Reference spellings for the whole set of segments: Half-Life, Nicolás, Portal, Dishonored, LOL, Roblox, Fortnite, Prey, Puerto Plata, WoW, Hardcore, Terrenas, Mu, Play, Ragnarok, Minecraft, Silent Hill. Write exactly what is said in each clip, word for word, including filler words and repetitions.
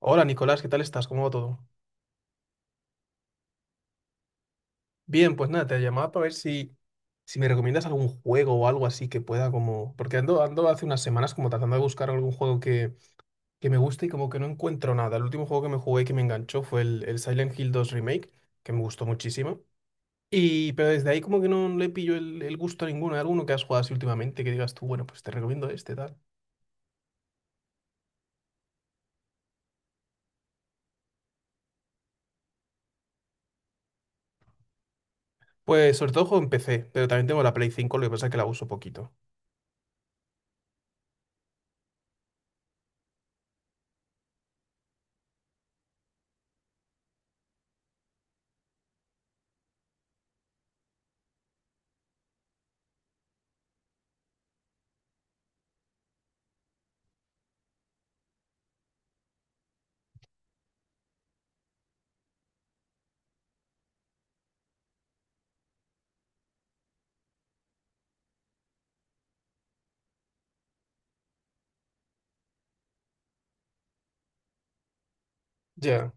Hola Nicolás, ¿qué tal estás? ¿Cómo va todo? Bien, pues nada, te llamaba para ver si, si me recomiendas algún juego o algo así que pueda como... Porque ando, ando hace unas semanas como tratando de buscar algún juego que, que me guste y como que no encuentro nada. El último juego que me jugué que me enganchó fue el, el Silent Hill dos Remake, que me gustó muchísimo. Y, pero desde ahí como que no le pillo el, el gusto a ninguno. ¿Hay alguno que has jugado así últimamente que digas tú, bueno, pues te recomiendo este, tal? Pues sobre todo juego en P C, pero también tengo la Play cinco, lo que pasa es que la uso poquito. Ya.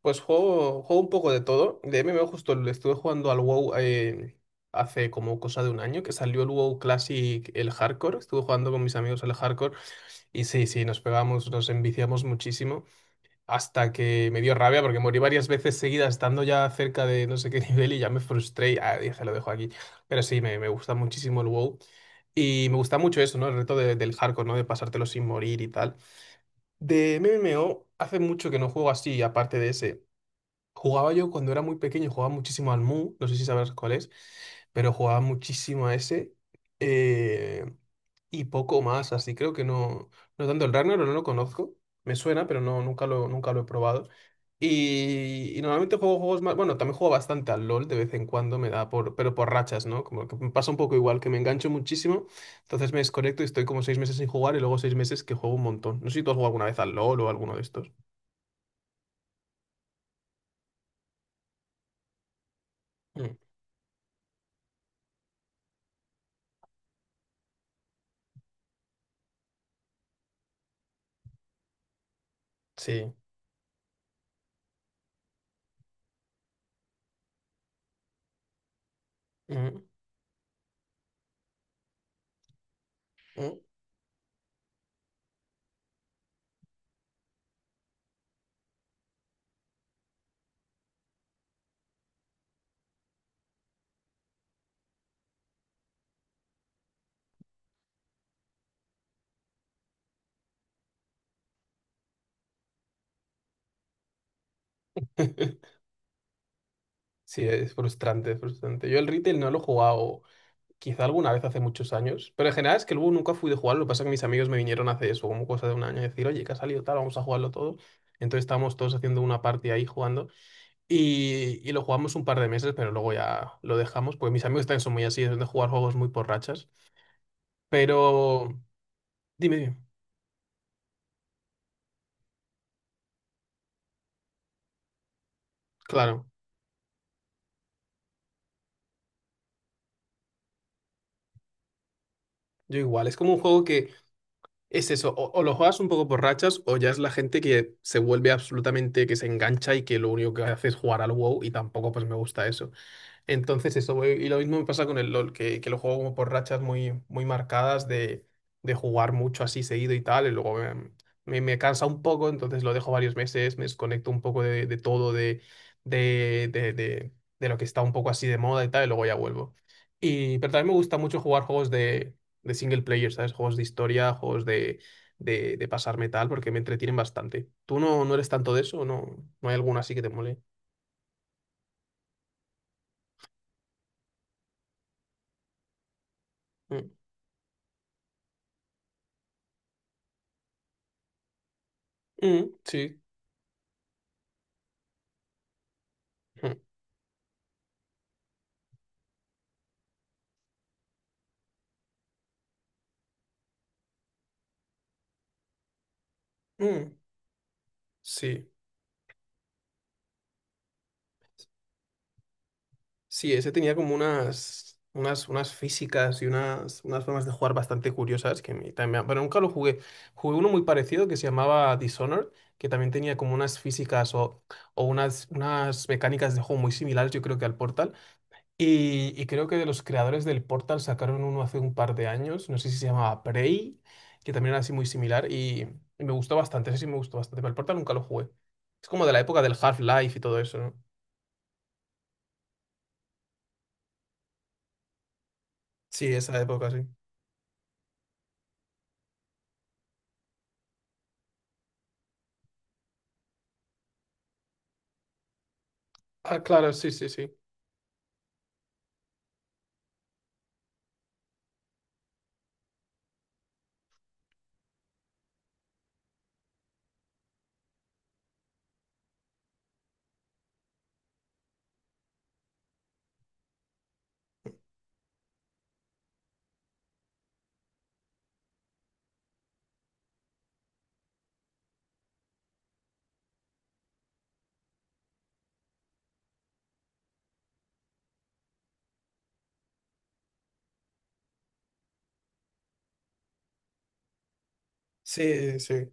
Pues juego, juego un poco de todo. De M M O justo le estuve jugando al WoW, eh, hace como cosa de un año, que salió el WoW Classic, el Hardcore. Estuve jugando con mis amigos al Hardcore y sí, sí, nos pegamos, nos enviciamos muchísimo hasta que me dio rabia porque morí varias veces seguidas estando ya cerca de no sé qué nivel y ya me frustré y ah, dije, lo dejo aquí. Pero sí, me, me gusta muchísimo el WoW. Y me gusta mucho eso, ¿no? El reto de- del hardcore, ¿no? De pasártelo sin morir y tal. De M M O, hace mucho que no juego así, aparte de ese. Jugaba yo cuando era muy pequeño, jugaba muchísimo al Mu, no sé si sabrás cuál es, pero jugaba muchísimo a ese, eh, y poco más, así creo que no, no tanto el Ragnarok, no lo conozco, me suena, pero no, nunca lo, nunca lo he probado. Y, y normalmente juego juegos más, bueno, también juego bastante al LOL de vez en cuando, me da por, pero por rachas, ¿no? Como que me pasa un poco igual, que me engancho muchísimo, entonces me desconecto y estoy como seis meses sin jugar y luego seis meses que juego un montón. No sé si tú has jugado alguna vez al LOL o alguno de estos. Mm, sí. Mm, mm. Sí, es frustrante, es frustrante. Yo el retail no lo he jugado, quizá alguna vez hace muchos años, pero en general es que el Boo nunca fui de jugarlo. Lo que pasa es que mis amigos me vinieron hace eso, como cosa de un año, a decir, oye, que ha salido tal, vamos a jugarlo todo. Entonces estábamos todos haciendo una party ahí jugando y, y lo jugamos un par de meses, pero luego ya lo dejamos, porque mis amigos también son muy así, son de jugar juegos muy por rachas. Pero dime, dime. Claro, yo igual, es como un juego que... Es eso, o, o lo juegas un poco por rachas o ya es la gente que se vuelve absolutamente, que se engancha y que lo único que hace es jugar al WoW y tampoco pues me gusta eso. Entonces eso, eh, y lo mismo me pasa con el LOL, que, que lo juego como por rachas muy, muy marcadas de, de, jugar mucho así seguido y tal, y luego me, me, me cansa un poco, entonces lo dejo varios meses, me desconecto un poco de, de todo, de, de, de, de, de lo que está un poco así de moda y tal, y luego ya vuelvo. Y, pero también me gusta mucho jugar juegos de, de single player, ¿sabes? Juegos de historia, juegos de, de, de pasarme tal, porque me entretienen bastante. ¿Tú no, no eres tanto de eso? ¿O ¿No, no hay alguno así que te mole? Mm, mm, sí. Mm, mm. Sí, sí, ese tenía como unas, unas, unas físicas y unas, unas formas de jugar bastante curiosas que me, también, pero nunca lo jugué. Jugué uno muy parecido que se llamaba Dishonored, que también tenía como unas físicas o, o unas, unas mecánicas de juego muy similares, yo creo que al Portal. Y, y creo que de los creadores del Portal sacaron uno hace un par de años, no sé si se llamaba Prey, que también era así muy similar y, y me gustó bastante, ese sí me gustó bastante, pero el Portal nunca lo jugué. Es como de la época del Half-Life y todo eso, ¿no? Sí, esa época, sí. Ah, claro, sí, sí, sí. Sí, sí.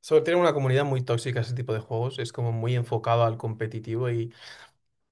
Sobre, tiene una comunidad muy tóxica ese tipo de juegos. Es como muy enfocado al competitivo.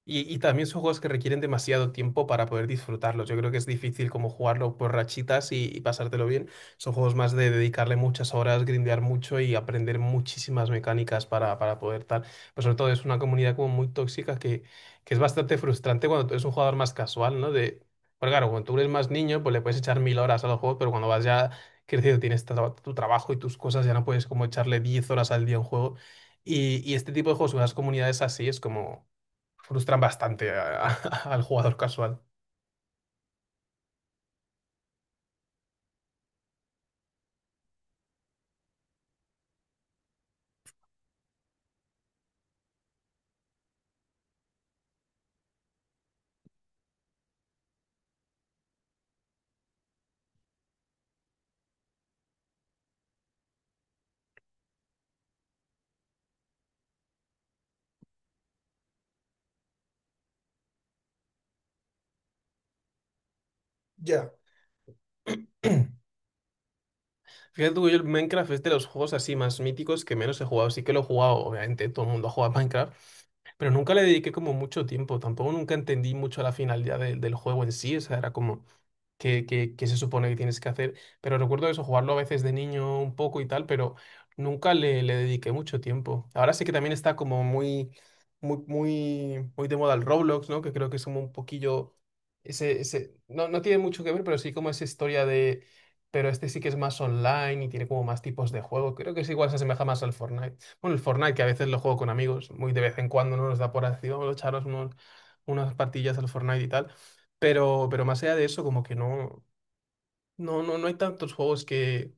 Y, y también son juegos que requieren demasiado tiempo para poder disfrutarlos. Yo creo que es difícil como jugarlo por rachitas y, y pasártelo bien. Son juegos más de dedicarle muchas horas, grindear mucho y aprender muchísimas mecánicas para, para, poder tal. Pero sobre todo es una comunidad como muy tóxica que, que es bastante frustrante cuando tú eres un jugador más casual, ¿no? De, porque claro, cuando tú eres más niño, pues le puedes echar mil horas a los juegos, pero cuando vas ya crecido, tienes tra- tu trabajo y tus cosas, ya no puedes como echarle diez horas al día a un juego. Y, y este tipo de juegos, las comunidades así, es como... Frustran bastante a- al jugador casual. Ya. Fíjate tú que yo el Minecraft es de los juegos así más míticos que menos he jugado. Sí que lo he jugado, obviamente, todo el mundo juega Minecraft, pero nunca le dediqué como mucho tiempo. Tampoco nunca entendí mucho la finalidad de- del juego en sí. O sea, era como, que, que- que se supone que tienes que hacer. Pero recuerdo eso, jugarlo a veces de niño un poco y tal, pero nunca le, le dediqué mucho tiempo. Ahora sí que también está como muy, muy, muy, muy de moda el Roblox, ¿no? Que creo que es como un poquillo ese, ese, no, no, tiene mucho que ver, pero sí como esa historia de, pero este sí que es más online y tiene como más tipos de juego. Creo que es igual se asemeja más al Fortnite. Bueno, el Fortnite que a veces lo juego con amigos, muy de vez en cuando, ¿no? Nos da por así, vamos a echaros unos, unas partillas al Fortnite y tal. Pero, pero más allá de eso, como que no, no, no, no hay tantos juegos que,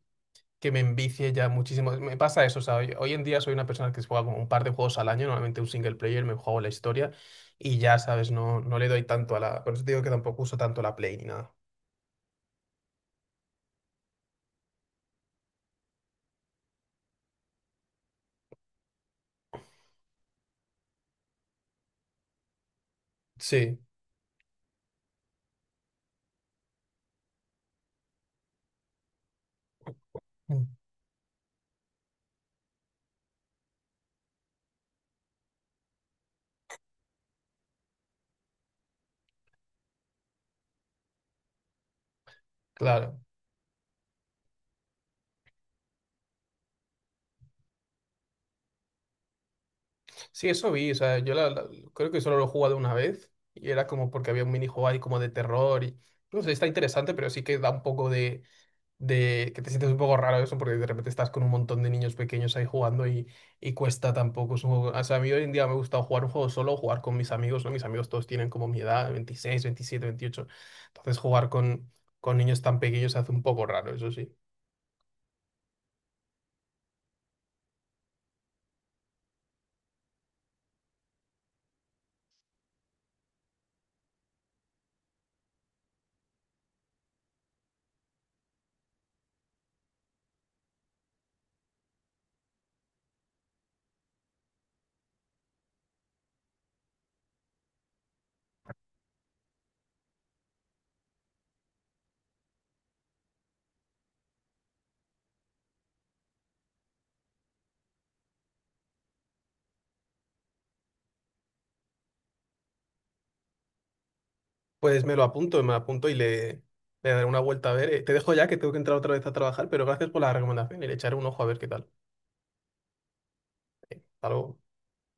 que me envicie ya muchísimo. Me pasa eso, o sea, hoy, hoy en día soy una persona que se juega como un par de juegos al año, normalmente un single player, me juego la historia y ya, ¿sabes? No, no le doy tanto a la... Por eso te digo que tampoco uso tanto la Play ni nada. Sí, mm, claro. Sí, eso vi, o sea, yo la- la- creo que solo lo he jugado una vez y era como porque había un minijuego ahí como de terror y... No sé, está interesante, pero sí que da un poco de de que te sientes un poco raro eso, porque de repente estás con un montón de niños pequeños ahí jugando y, y cuesta tampoco. Es un juego- o sea, a mí hoy en día me gusta jugar un juego solo, o jugar con mis amigos, ¿no? Mis amigos todos tienen como mi edad, veintiséis veintisiete veintiocho. Entonces jugar con, con, niños tan pequeños se hace un poco raro, eso sí. Pues me lo apunto, me lo apunto y le, le daré una vuelta a ver. Eh, Te dejo ya que tengo que entrar otra vez a trabajar, pero gracias por la recomendación y le echaré un ojo a ver qué tal. Algo.